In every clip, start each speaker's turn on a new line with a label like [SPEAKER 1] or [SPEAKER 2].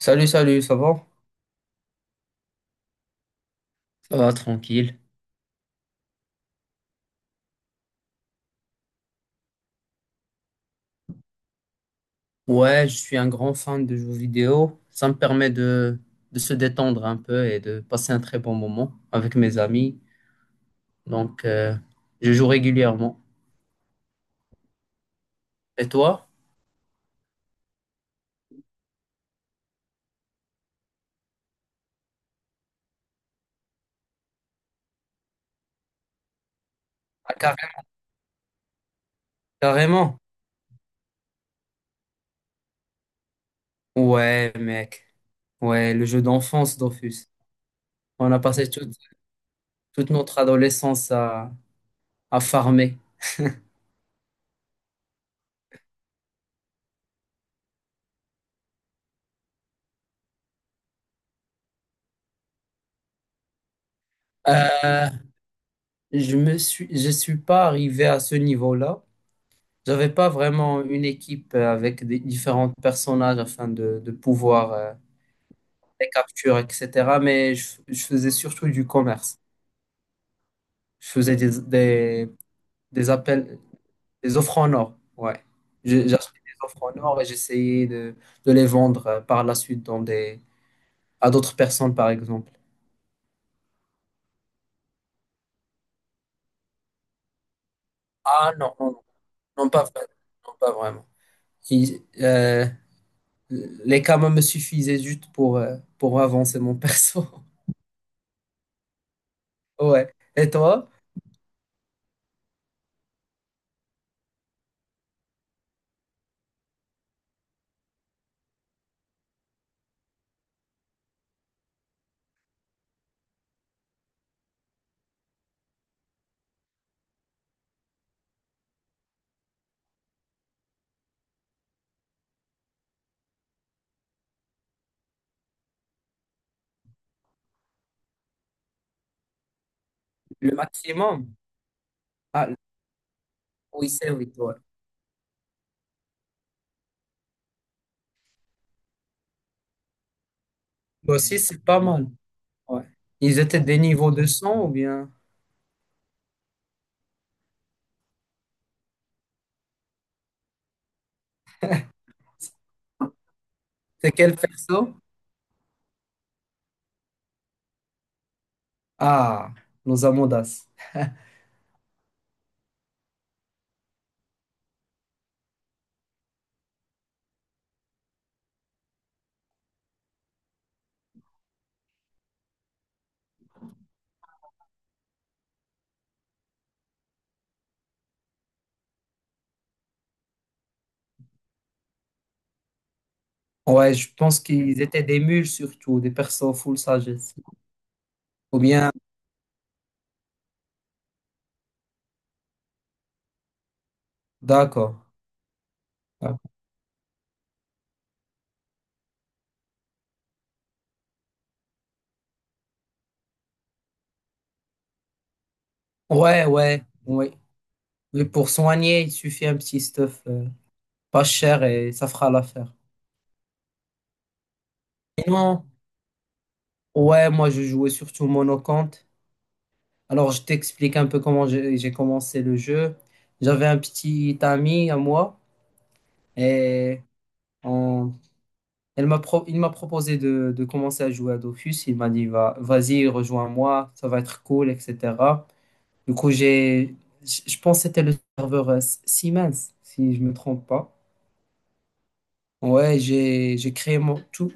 [SPEAKER 1] Salut, salut, ça va? Ça va, tranquille. Ouais, je suis un grand fan de jeux vidéo. Ça me permet de se détendre un peu et de passer un très bon moment avec mes amis. Donc, je joue régulièrement. Et toi? Ah, carré- carrément. Ouais, mec. Ouais, le jeu d'enfance Dofus. On a passé toute, toute notre adolescence à farmer. Euh, je suis pas arrivé à ce niveau-là. J'avais pas vraiment une équipe avec des différents personnages de pouvoir les capturer, etc. Mais je faisais surtout du commerce. Je faisais des appels, des offres en or. Ouais. J'achetais des offres en or et j'essayais de les vendre par la suite à d'autres personnes, par exemple. Ah, non, non, pas vraiment. Non, pas vraiment. Il- euh, les kamas me suffisaient juste pour avancer mon perso. Ouais. Et toi? Le maximum? Ah, oui, c'est oui, ouais. Bah, aussi, c'est pas mal. Ouais. Ils étaient des niveaux de son ou bien? C'est quel perso? Ah, nos Amondas. Ouais, je pense qu'ils étaient des mules surtout, des persos full sagesse. Ou bien, d'accord. D'accord. Ouais, ouais, oui. Mais pour soigner, il suffit un petit stuff pas cher et ça fera l'affaire. Sinon, ouais, moi je jouais surtout monocante. Alors, je t'explique un peu comment j'ai commencé le jeu. J'avais un petit ami à moi et on- il m'a proposé de commencer à jouer à Dofus. Il m'a dit, va, vas-y, rejoins-moi, ça va être cool, etc. Du coup, je pense que c'était le serveur Siemens, si je me trompe pas. Ouais, j'ai créé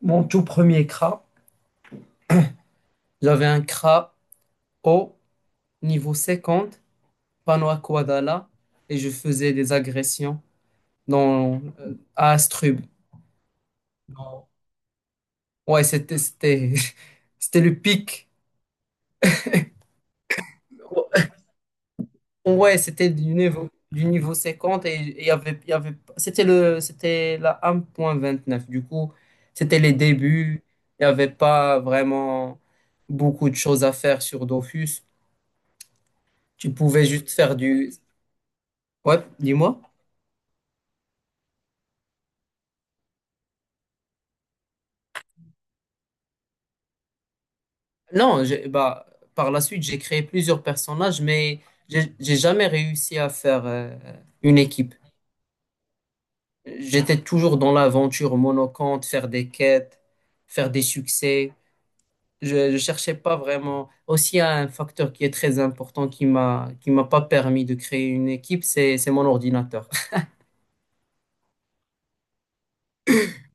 [SPEAKER 1] mon tout premier CRA. J'avais un CRA haut, niveau 50, Panoa Koadala, et je faisais des agressions dans, à Astrub. Non. Ouais, c'était, c'était, c'était le pic. Ouais, c'était du niveau 50 et il y avait, c'était la 1.29. Du coup, c'était les débuts. Il n'y avait pas vraiment beaucoup de choses à faire sur Dofus. Tu pouvais juste faire du, ouais, dis-moi. Non, j'ai- Bah, par la suite, j'ai créé plusieurs personnages, mais j'ai jamais réussi à faire une équipe. J'étais toujours dans l'aventure monocante, faire des quêtes, faire des succès. Je ne cherchais pas vraiment. Aussi, il y a un facteur qui est très important qui m'a pas permis de créer une équipe, c'est mon ordinateur.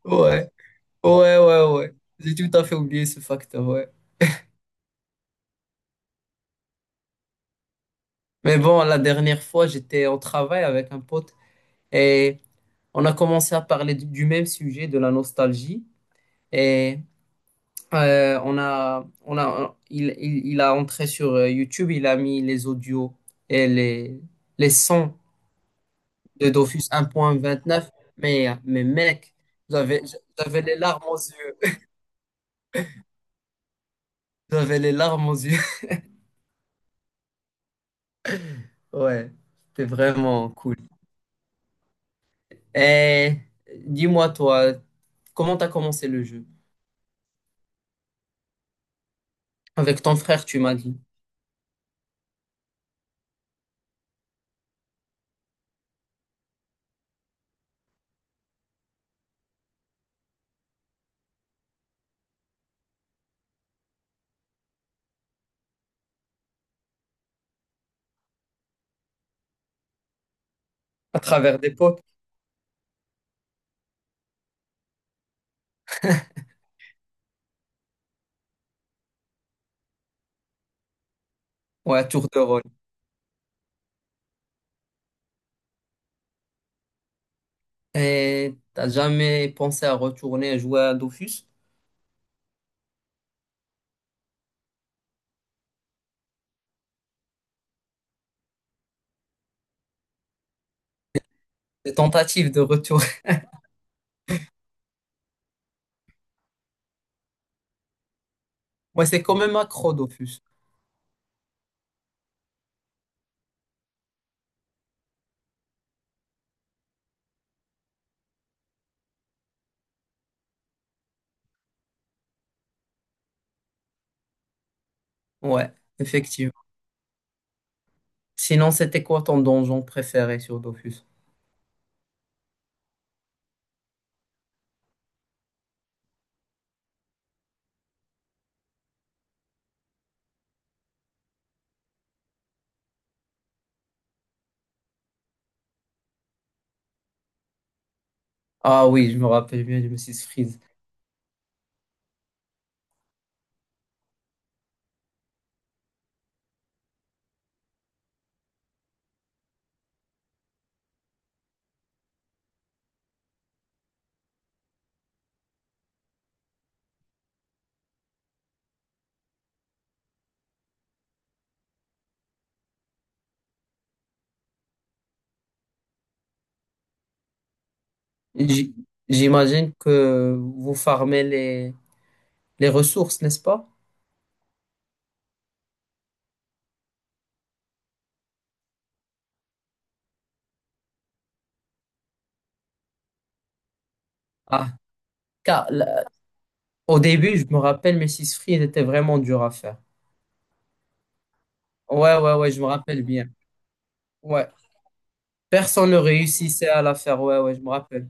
[SPEAKER 1] Ouais, ouais, ouais. J'ai tout à fait oublié ce facteur, ouais. Mais bon, la dernière fois, j'étais au travail avec un pote et on a commencé à parler du même sujet, de la nostalgie. Et on a, il a entré sur YouTube, il a mis les audios et les sons de Dofus 1.29. Mais mec, j'avais, j'avais les larmes aux yeux. J'avais les larmes aux yeux. Ouais, c'était vraiment cool. Et dis-moi, toi, comment t'as commencé le jeu? Avec ton frère, tu m'as dit. À travers des potes? Ouais, tour de rôle. Et t'as jamais pensé à retourner jouer à Dofus? Des tentatives de retour. Ouais, c'est quand même accro Dofus. Ouais, effectivement. Sinon, c'était quoi ton donjon préféré sur Dofus? Ah oui, je me rappelle bien du Mrs. Freeze. J- J'imagine que vous farmez les ressources, n'est-ce pas? Ah, car là, au début, je me rappelle, Mrs. Freeze était vraiment dur à faire. Ouais, je me rappelle bien. Ouais. Personne ne réussissait à la faire. Ouais, ouais, je me rappelle.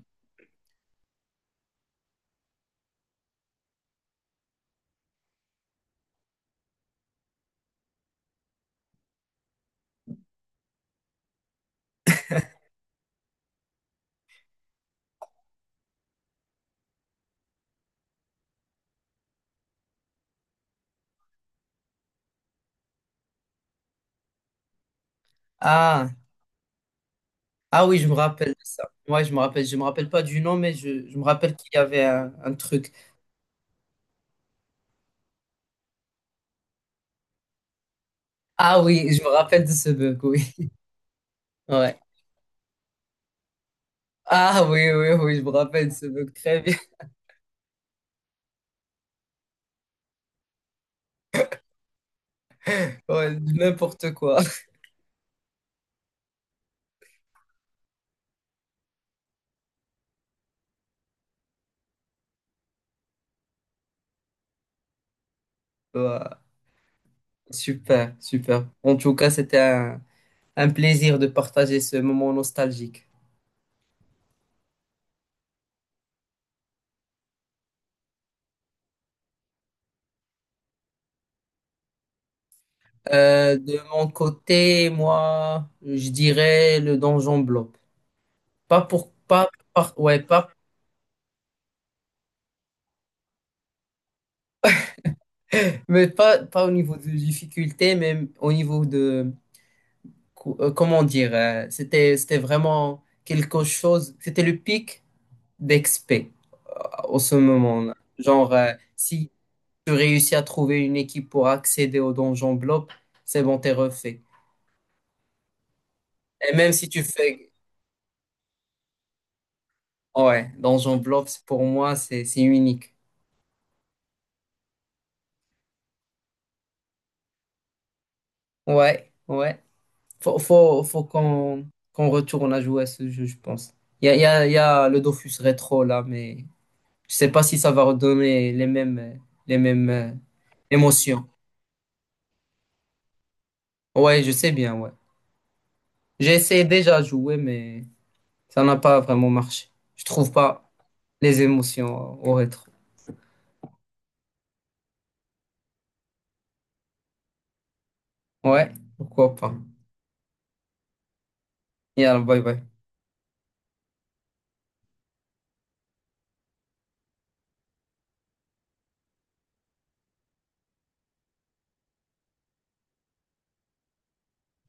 [SPEAKER 1] Ah, ah oui, je me rappelle de ça. Ouais, je me rappelle. Je me rappelle pas du nom, mais je me rappelle qu'il y avait un truc. Ah oui, je me rappelle de ce bug, oui. Ouais. Ah, oui, je me rappelle de ce bug très bien. Ouais, n'importe quoi. Ouais. Super, super. En tout cas, c'était un plaisir de partager ce moment nostalgique. De mon côté, moi, je dirais le donjon blob. Pas pour, pas, par- ouais, pas, mais pas, pas au niveau de difficulté, mais au niveau de, comment dire, c'était vraiment quelque chose. C'était le pic d'expé au ce moment-là. Genre, si tu réussis à trouver une équipe pour accéder au Donjon Blob, c'est bon, t'es refait. Et même si tu fais... Ouais, Donjon Blob, pour moi, c'est unique. Ouais, ouais. Faut qu'on retourne à jouer à ce jeu, je pense. Il y a le Dofus rétro, là, mais je sais pas si ça va redonner les mêmes émotions. Ouais, je sais bien, ouais. J'ai essayé déjà à jouer, mais... Ça n'a pas vraiment marché. Je trouve pas les émotions au rétro. Ouais, pourquoi pas. Et alors, bye bye.